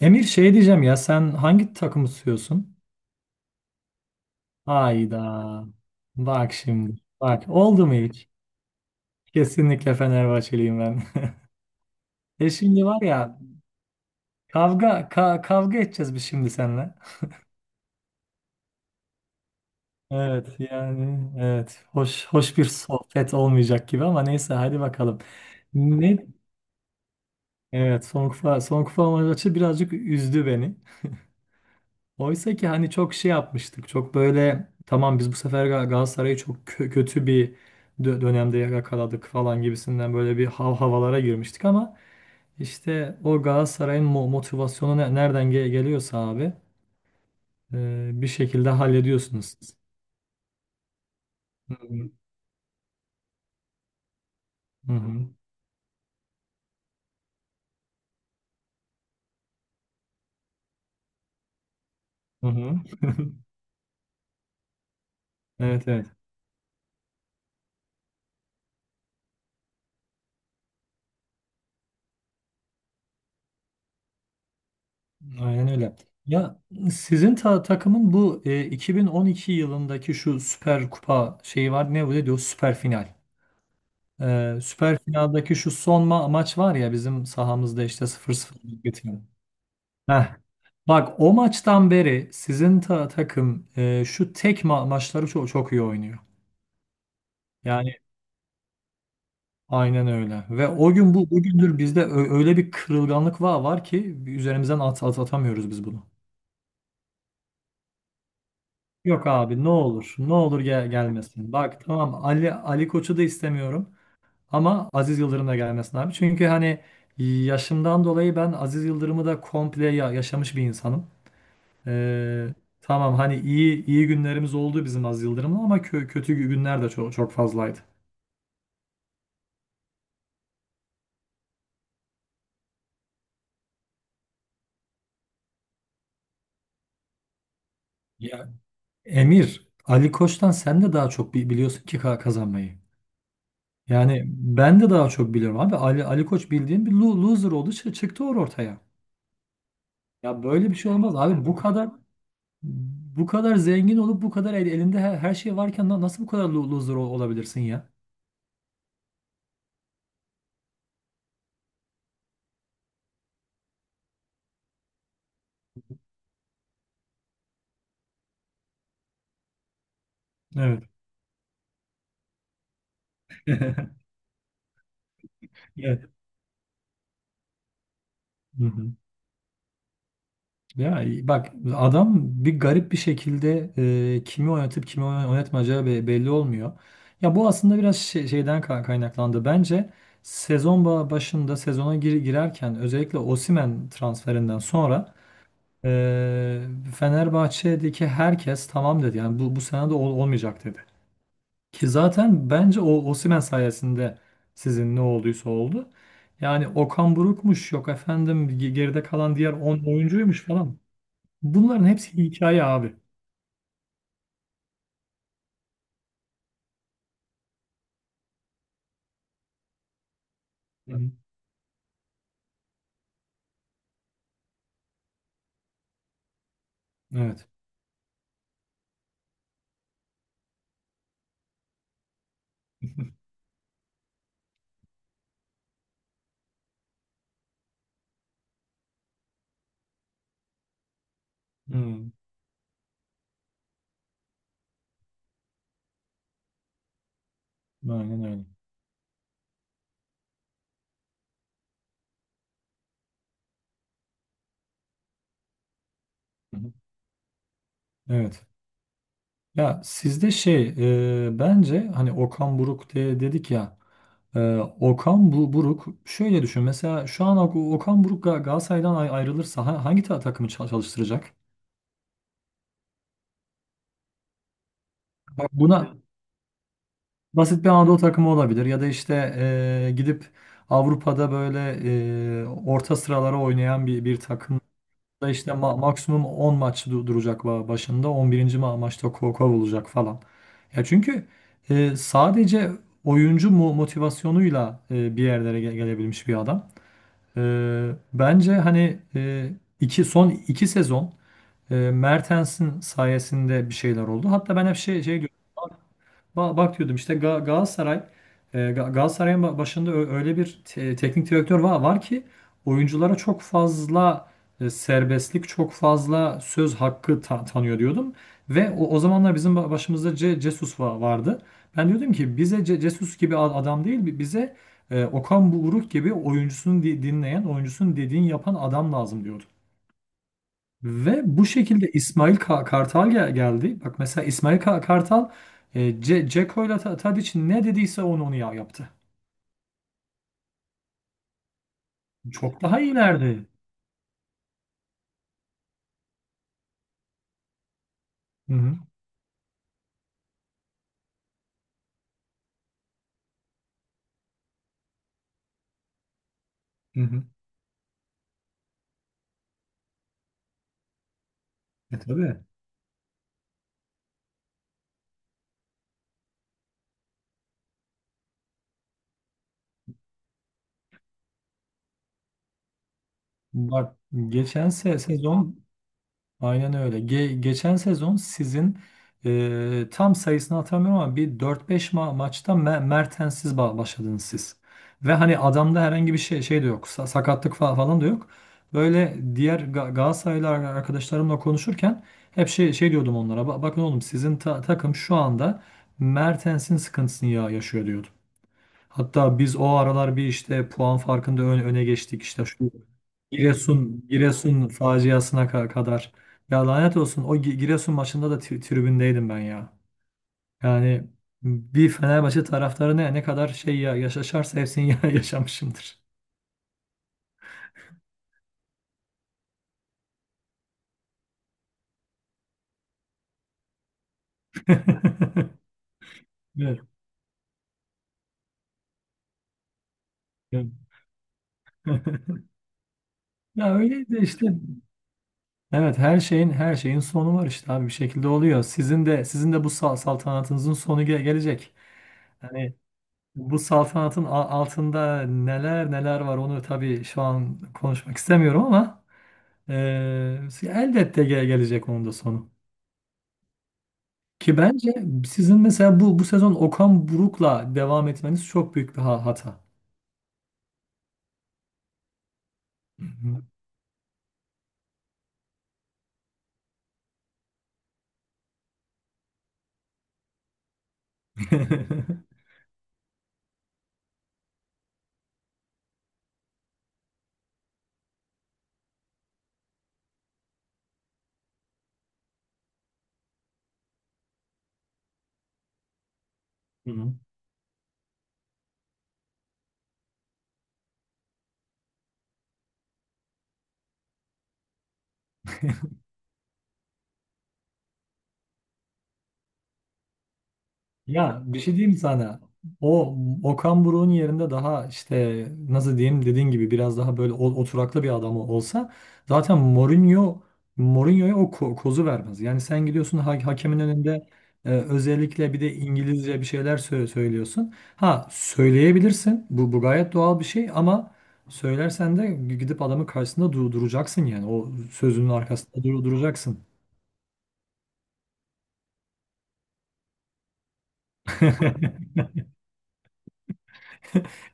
Emir şey diyeceğim ya sen hangi takımı tutuyorsun? Hayda. Bak şimdi. Bak oldu mu hiç? Kesinlikle Fenerbahçeliyim ben. E şimdi var ya kavga edeceğiz biz şimdi seninle. Evet yani evet hoş bir sohbet olmayacak gibi ama neyse hadi bakalım. Ne? Evet son kupa maçı birazcık üzdü beni. Oysa ki hani çok şey yapmıştık. Çok böyle tamam biz bu sefer Galatasaray'ı kötü bir dönemde yakaladık falan gibisinden böyle bir havalara girmiştik ama işte o Galatasaray'ın motivasyonu nereden geliyorsa abi bir şekilde hallediyorsunuz siz. Hı hı. Hı hı. Hı hı. Evet, evet. Aynen öyle. Ya sizin takımın bu 2012 yılındaki şu Süper Kupa şeyi var. Ne bu diyor? Süper final. Süper finaldeki şu son maç var ya bizim sahamızda işte 0-0 biten. Heh. Bak o maçtan beri sizin takım şu tek maçları çok iyi oynuyor. Yani aynen öyle. Ve o gün bu bugündür bizde öyle bir kırılganlık var ki üzerimizden at, at atamıyoruz biz bunu. Yok abi ne olur gelmesin. Bak tamam Ali Koç'u da istemiyorum. Ama Aziz Yıldırım da gelmesin abi. Çünkü hani yaşımdan dolayı ben Aziz Yıldırım'ı da komple yaşamış bir insanım. Ee, tamam hani iyi günlerimiz oldu bizim Aziz Yıldırım'la ama kötü günler de çok fazlaydı. Ya Emir, Ali Koç'tan sen de daha çok biliyorsun ki kazanmayı. Yani ben de daha çok biliyorum abi. Ali Koç bildiğin bir loser oldu, çıktı ortaya. Ya böyle bir şey olmaz abi. Bu kadar bu kadar zengin olup bu kadar elinde her şey varken nasıl bu kadar loser olabilirsin ya? Evet. Evet. Hı hı. Ya bak adam bir garip bir şekilde kimi oynatıp kimi oynatmayacağı belli olmuyor. Ya bu aslında biraz şeyden kaynaklandı. Bence sezon başında sezona girerken özellikle Osimhen transferinden sonra e, Fenerbahçe'deki herkes tamam dedi. Yani bu sene de olmayacak dedi. Ki zaten bence o Osimhen sayesinde sizin ne olduysa oldu. Yani Okan Buruk'muş yok efendim geride kalan diğer 10 oyuncuymuş falan. Bunların hepsi hikaye abi. Hı hı. Evet. Hı. Aynen öyle. Hı hı. Evet. Ya sizde bence hani Okan Buruk dedik ya Buruk şöyle düşün mesela şu an Okan Buruk Galatasaray'dan ayrılırsa hangi takımı çalıştıracak? Bak buna basit bir Anadolu takımı olabilir ya da işte gidip Avrupa'da böyle orta sıralara oynayan bir takım da işte maksimum 10 maç duracak başında 11. Maçta kovulacak falan. Ya çünkü sadece oyuncu mu motivasyonuyla bir yerlere gelebilmiş bir adam. E, Bence hani e, iki son iki sezon Mertens'in sayesinde bir şeyler oldu. Hatta ben hep şey diyorum. Bak diyordum işte Galatasaray Galatasaray'ın başında öyle bir teknik direktör var ki oyunculara çok fazla serbestlik, çok fazla söz hakkı tanıyor diyordum. Ve o zamanlar bizim başımızda Ce Jesus vardı. Ben diyordum ki bize Ce Jesus gibi adam değil, bize Okan Buruk gibi oyuncusunu dinleyen, oyuncusunun dediğini yapan adam lazım diyordum. Ve bu şekilde İsmail Kartal geldi. Bak mesela İsmail Kartal Ce Ceko ile Tadiç'in ne dediyse onu yaptı. Çok daha iyilerdi. Hı hı. Hı hı. E tabii. Bak geçen se- sezon Aynen öyle. Geçen sezon sizin tam sayısını hatırlamıyorum ama bir dört beş maçta Mertens'siz başladınız siz. Ve hani adamda herhangi bir şey de yok. Sa- sakatlık falan da yok. Böyle diğer Ga Galatasaraylı arkadaşlarımla konuşurken hep şey diyordum onlara. "Ba- bakın oğlum sizin takım şu anda Mertens'in sıkıntısını yaşıyor" diyordum. Hatta biz o aralar bir işte puan farkında öne geçtik. İşte şu Giresun faciasına kadar. Ya lanet olsun o Giresun maçında da tribündeydim ben ya. Yani bir Fenerbahçe taraftarı ne kadar şey yaşarsa hepsini yaşamışımdır. Evet, evet. Ya öyleydi işte. Evet her şeyin sonu var işte abi bir şekilde oluyor. Sizin de bu saltanatınızın sonu gelecek. Yani bu saltanatın altında neler var onu tabii şu an konuşmak istemiyorum ama elbette gelecek onun da sonu. Ki bence sizin mesela bu sezon Okan Buruk'la devam etmeniz çok büyük bir hata. Hı hı. Hı hı. Ya bir şey diyeyim sana. O Okan Buruk'un yerinde daha işte nasıl diyeyim dediğin gibi biraz daha böyle oturaklı bir adam olsa zaten Mourinho'ya o kozu vermez. Yani sen gidiyorsun hakemin önünde özellikle bir de İngilizce bir şeyler söylüyorsun. Ha söyleyebilirsin. Bu gayet doğal bir şey ama söylersen de gidip adamın karşısında duracaksın yani. O sözünün arkasında duracaksın.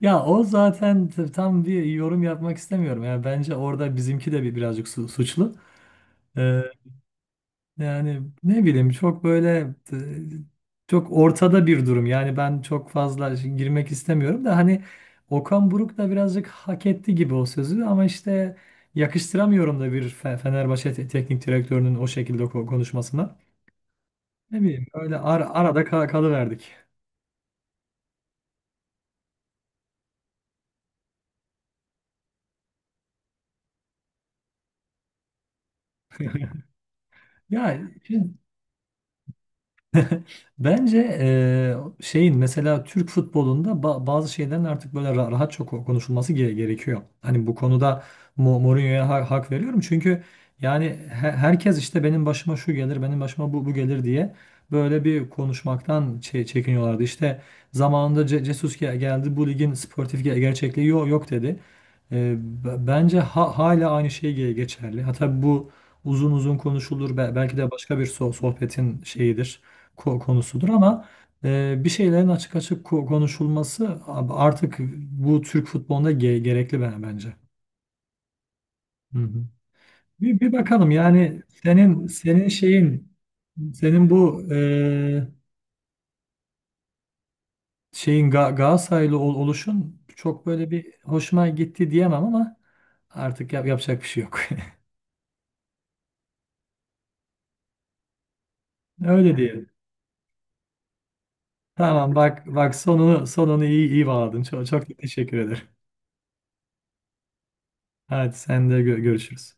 Ya o zaten tam bir yorum yapmak istemiyorum. Yani bence orada bizimki de birazcık suçlu. Ee, Yani ne bileyim çok böyle t- çok ortada bir durum. Yani ben çok fazla girmek istemiyorum da hani Okan Buruk da birazcık hak etti gibi o sözü ama işte yakıştıramıyorum da bir Fenerbahçe teknik direktörünün o şekilde konuşmasına. Ne bileyim öyle arada kalıverdik. Ya bence şeyin mesela Türk futbolunda bazı şeylerin artık böyle rahatça konuşulması gerekiyor. Hani bu konuda Mourinho'ya hak veriyorum. Çünkü yani herkes işte benim başıma şu gelir, benim başıma bu gelir diye böyle bir konuşmaktan çekiniyorlardı. İşte zamanında Ce Jesus geldi bu ligin sportif gerçekliği yok dedi. Bence hala aynı şey geçerli. Ha tabii bu uzun konuşulur. Belki de başka bir sohbetin şeyidir konusudur ama bir şeylerin açık konuşulması artık bu Türk futbolunda gerekli bence. Hı hı. Bir bakalım yani senin şeyin senin bu e, şeyin Ga Galatasaraylı oluşun çok böyle bir hoşuma gitti diyemem ama artık yapacak bir şey yok. Öyle diyelim. Tamam bak sonunu iyi bağladın. Çok teşekkür ederim. Hadi sen de görüşürüz.